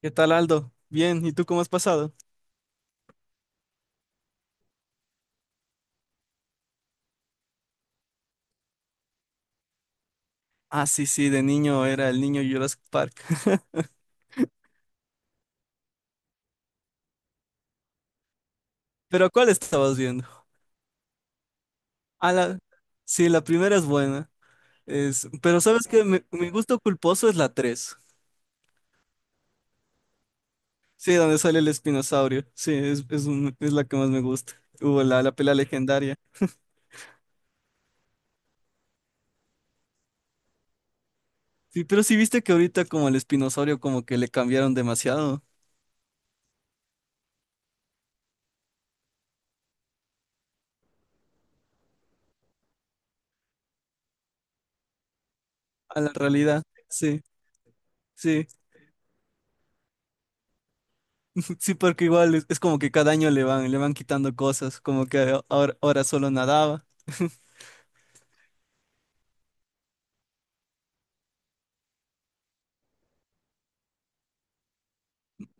¿Qué tal, Aldo? Bien, ¿y tú cómo has pasado? Ah, sí, sí, de niño era el niño Jurassic Park. ¿Pero cuál estabas viendo? Ah. Sí, la primera es buena. Pero sabes que mi gusto culposo es la 3. Sí, donde sale el espinosaurio. Sí, es la que más me gusta. Hubo la pelea legendaria. Sí, pero sí viste que ahorita como el espinosaurio como que le cambiaron demasiado a la realidad. Sí. Sí, sí, porque igual es como que cada año le van quitando cosas, como que ahora solo nadaba.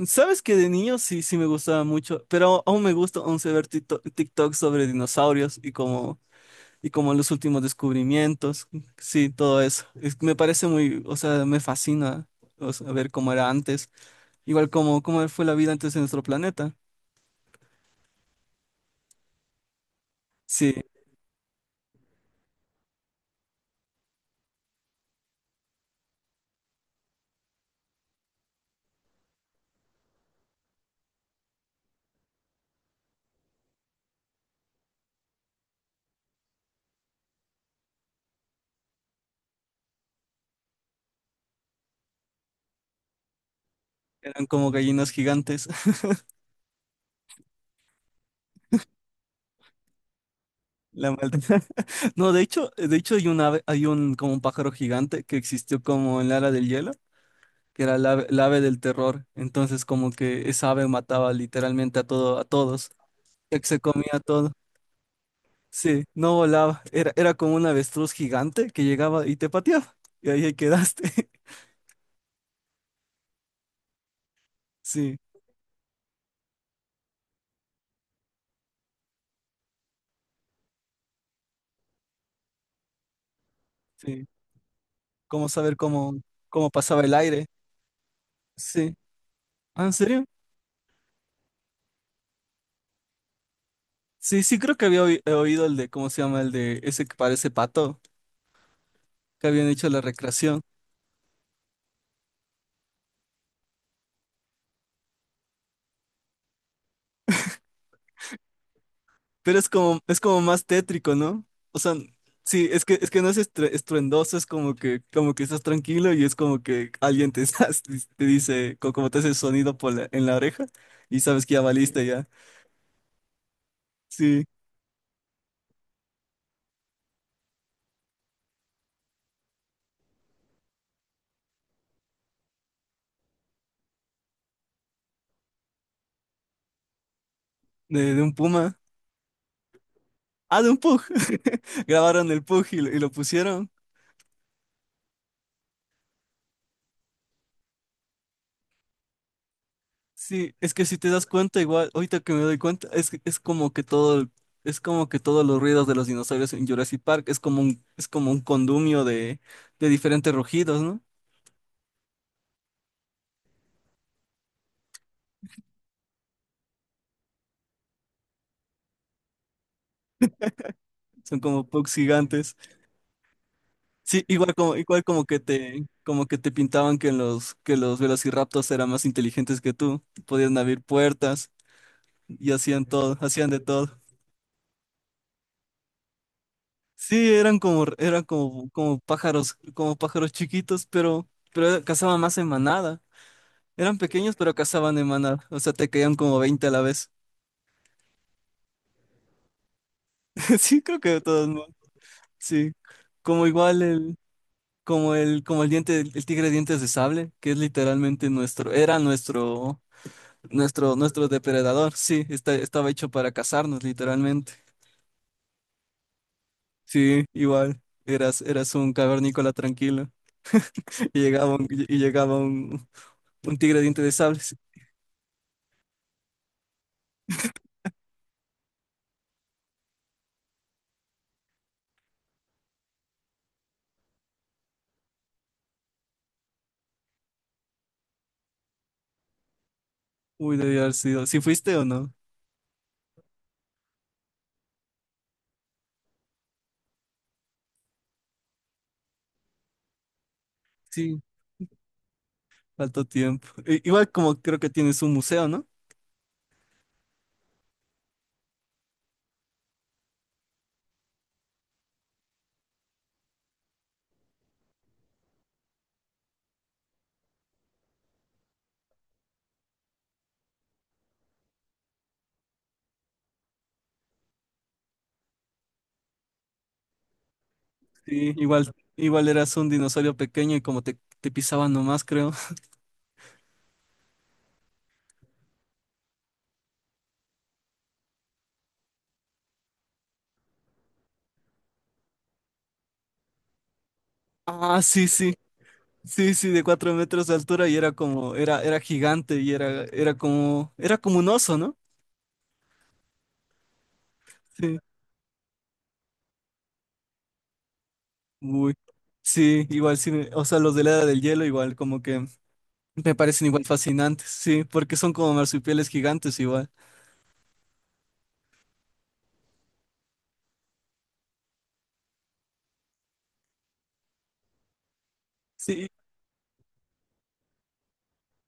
Sabes que de niño sí, sí me gustaba mucho, pero aún me gusta, aún sé ver TikTok sobre dinosaurios y como los últimos descubrimientos. Sí, todo eso. Me parece muy, o sea, me fascina, o sea, ver cómo era antes. Igual como cómo fue la vida antes de nuestro planeta. Sí, eran como gallinas gigantes. La maldita. No, de hecho hay un ave, hay un, como un pájaro gigante que existió como en la era del hielo. Que era el ave del terror. Entonces, como que esa ave mataba literalmente a todo, a todos. Ya que se comía todo. Sí, no volaba. Era como un avestruz gigante que llegaba y te pateaba. Y ahí quedaste. Sí, sí. ¿Cómo saber cómo pasaba el aire? Sí. Ah, ¿en serio? Sí, sí, creo que he oído el de, ¿cómo se llama? El de ese que parece pato, que habían hecho la recreación. Pero es como más tétrico, ¿no? O sea, sí, es que no es estruendoso, es como que estás tranquilo y es como que alguien te, te dice, como te hace el sonido en la oreja, y sabes que ya valiste ya. Sí, de un puma. Ah, de un pug. Grabaron el pug y lo pusieron. Sí, es que si te das cuenta, igual, ahorita que me doy cuenta, es como que todo, es como que todos los ruidos de los dinosaurios en Jurassic Park es como un condumio de diferentes rugidos, ¿no? Son como pugs gigantes. Sí, igual como que te pintaban que que los velociraptors eran más inteligentes que tú. Podían abrir puertas y hacían todo, hacían de todo. Sí, como pájaros chiquitos, pero cazaban más en manada. Eran pequeños, pero cazaban en manada. O sea, te caían como 20 a la vez. Sí, creo que de todos modos. Sí. Como igual como el diente, el tigre de dientes de sable, que es literalmente nuestro, era nuestro. Nuestro depredador, sí, estaba hecho para cazarnos, literalmente. Sí, igual. Eras un cavernícola tranquilo. Y llegaba un tigre diente de sables. Uy, debió haber sido. ¿Sí fuiste o no? Sí, faltó tiempo. Igual como creo que tienes un museo, ¿no? Sí, igual eras un dinosaurio pequeño, y como te pisaban nomás, creo. Ah, sí, sí. Sí, sí, de 4 metros de altura, y era gigante, y era como un oso, ¿no? Sí. Uy, sí, igual sí, o sea, los de la Edad del Hielo igual como que me parecen igual fascinantes, sí, porque son como marsupiales gigantes igual. Sí,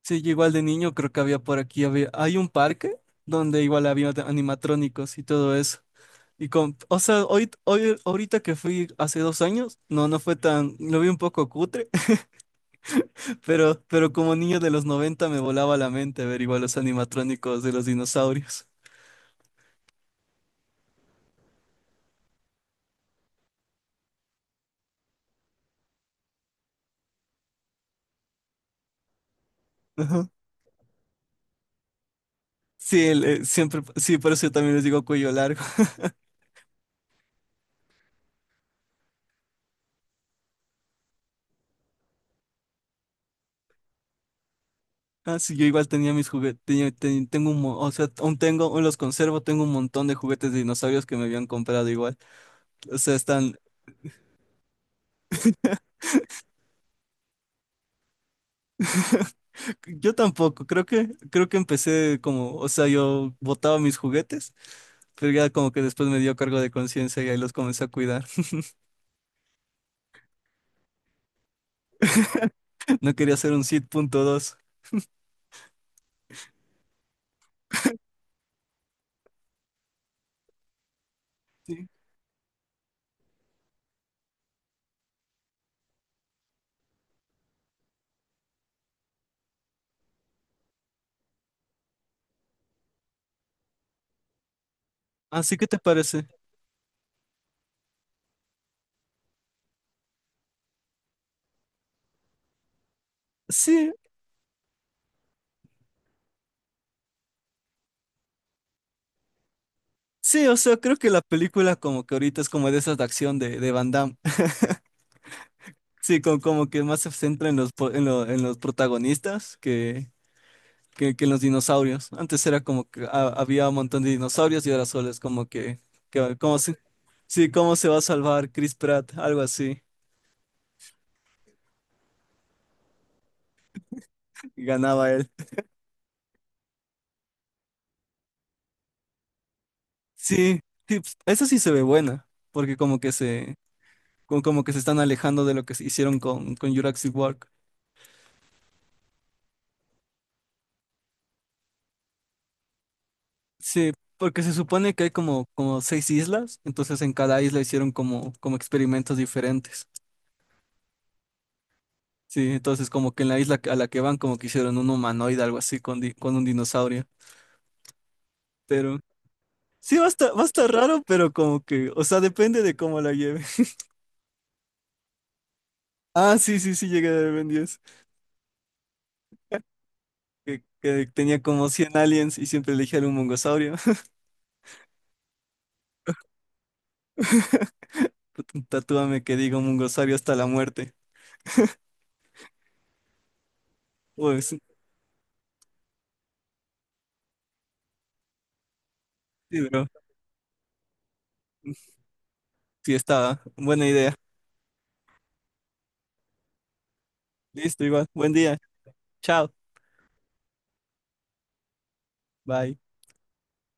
sí, yo igual de niño creo que había por aquí, había, hay un parque donde igual había animatrónicos y todo eso. Y con, o sea, hoy, ahorita que fui hace 2 años, no fue tan, lo vi un poco cutre, pero como niño de los 90 me volaba la mente ver igual los animatrónicos de los dinosaurios. Ajá. Sí, siempre, sí, por eso yo también les digo cuello largo. Ah, sí, yo igual tenía mis juguetes, o sea, aún tengo, aún los conservo, tengo un montón de juguetes de dinosaurios que me habían comprado igual. O sea, están, yo tampoco, creo que empecé como, o sea, yo botaba mis juguetes, pero ya como que después me dio cargo de conciencia y ahí los comencé a cuidar. No quería hacer un Sid.2. Sí. Así que te parece. Sí, sí, o sea, creo que la película como que ahorita es como de esas de acción de Van Damme. Sí, como que más se centra en los, po- en lo- en los protagonistas que los dinosaurios. Antes era como que había un montón de dinosaurios, y ahora solo es que ¿sí, ¿cómo se va a salvar Chris Pratt? Algo así. Y ganaba él. Sí, sí, pues, esa sí se ve buena, porque como que se están alejando de lo que se hicieron con Jurassic World. Sí, porque se supone que hay como seis islas, entonces en cada isla hicieron como experimentos diferentes. Sí, entonces como que en la isla a la que van como que hicieron un humanoide, algo así, con un dinosaurio. Pero sí, va a estar raro, pero como que, o sea, depende de cómo la lleve. Ah, sí, sí, sí, llegué a Ben 10, que tenía como 100 aliens y siempre elegía un mongosaurio. Tatúame que digo mongosaurio hasta la muerte. Pues, sí, bro, sí estaba, buena idea. Listo, igual, buen día, chao, bye.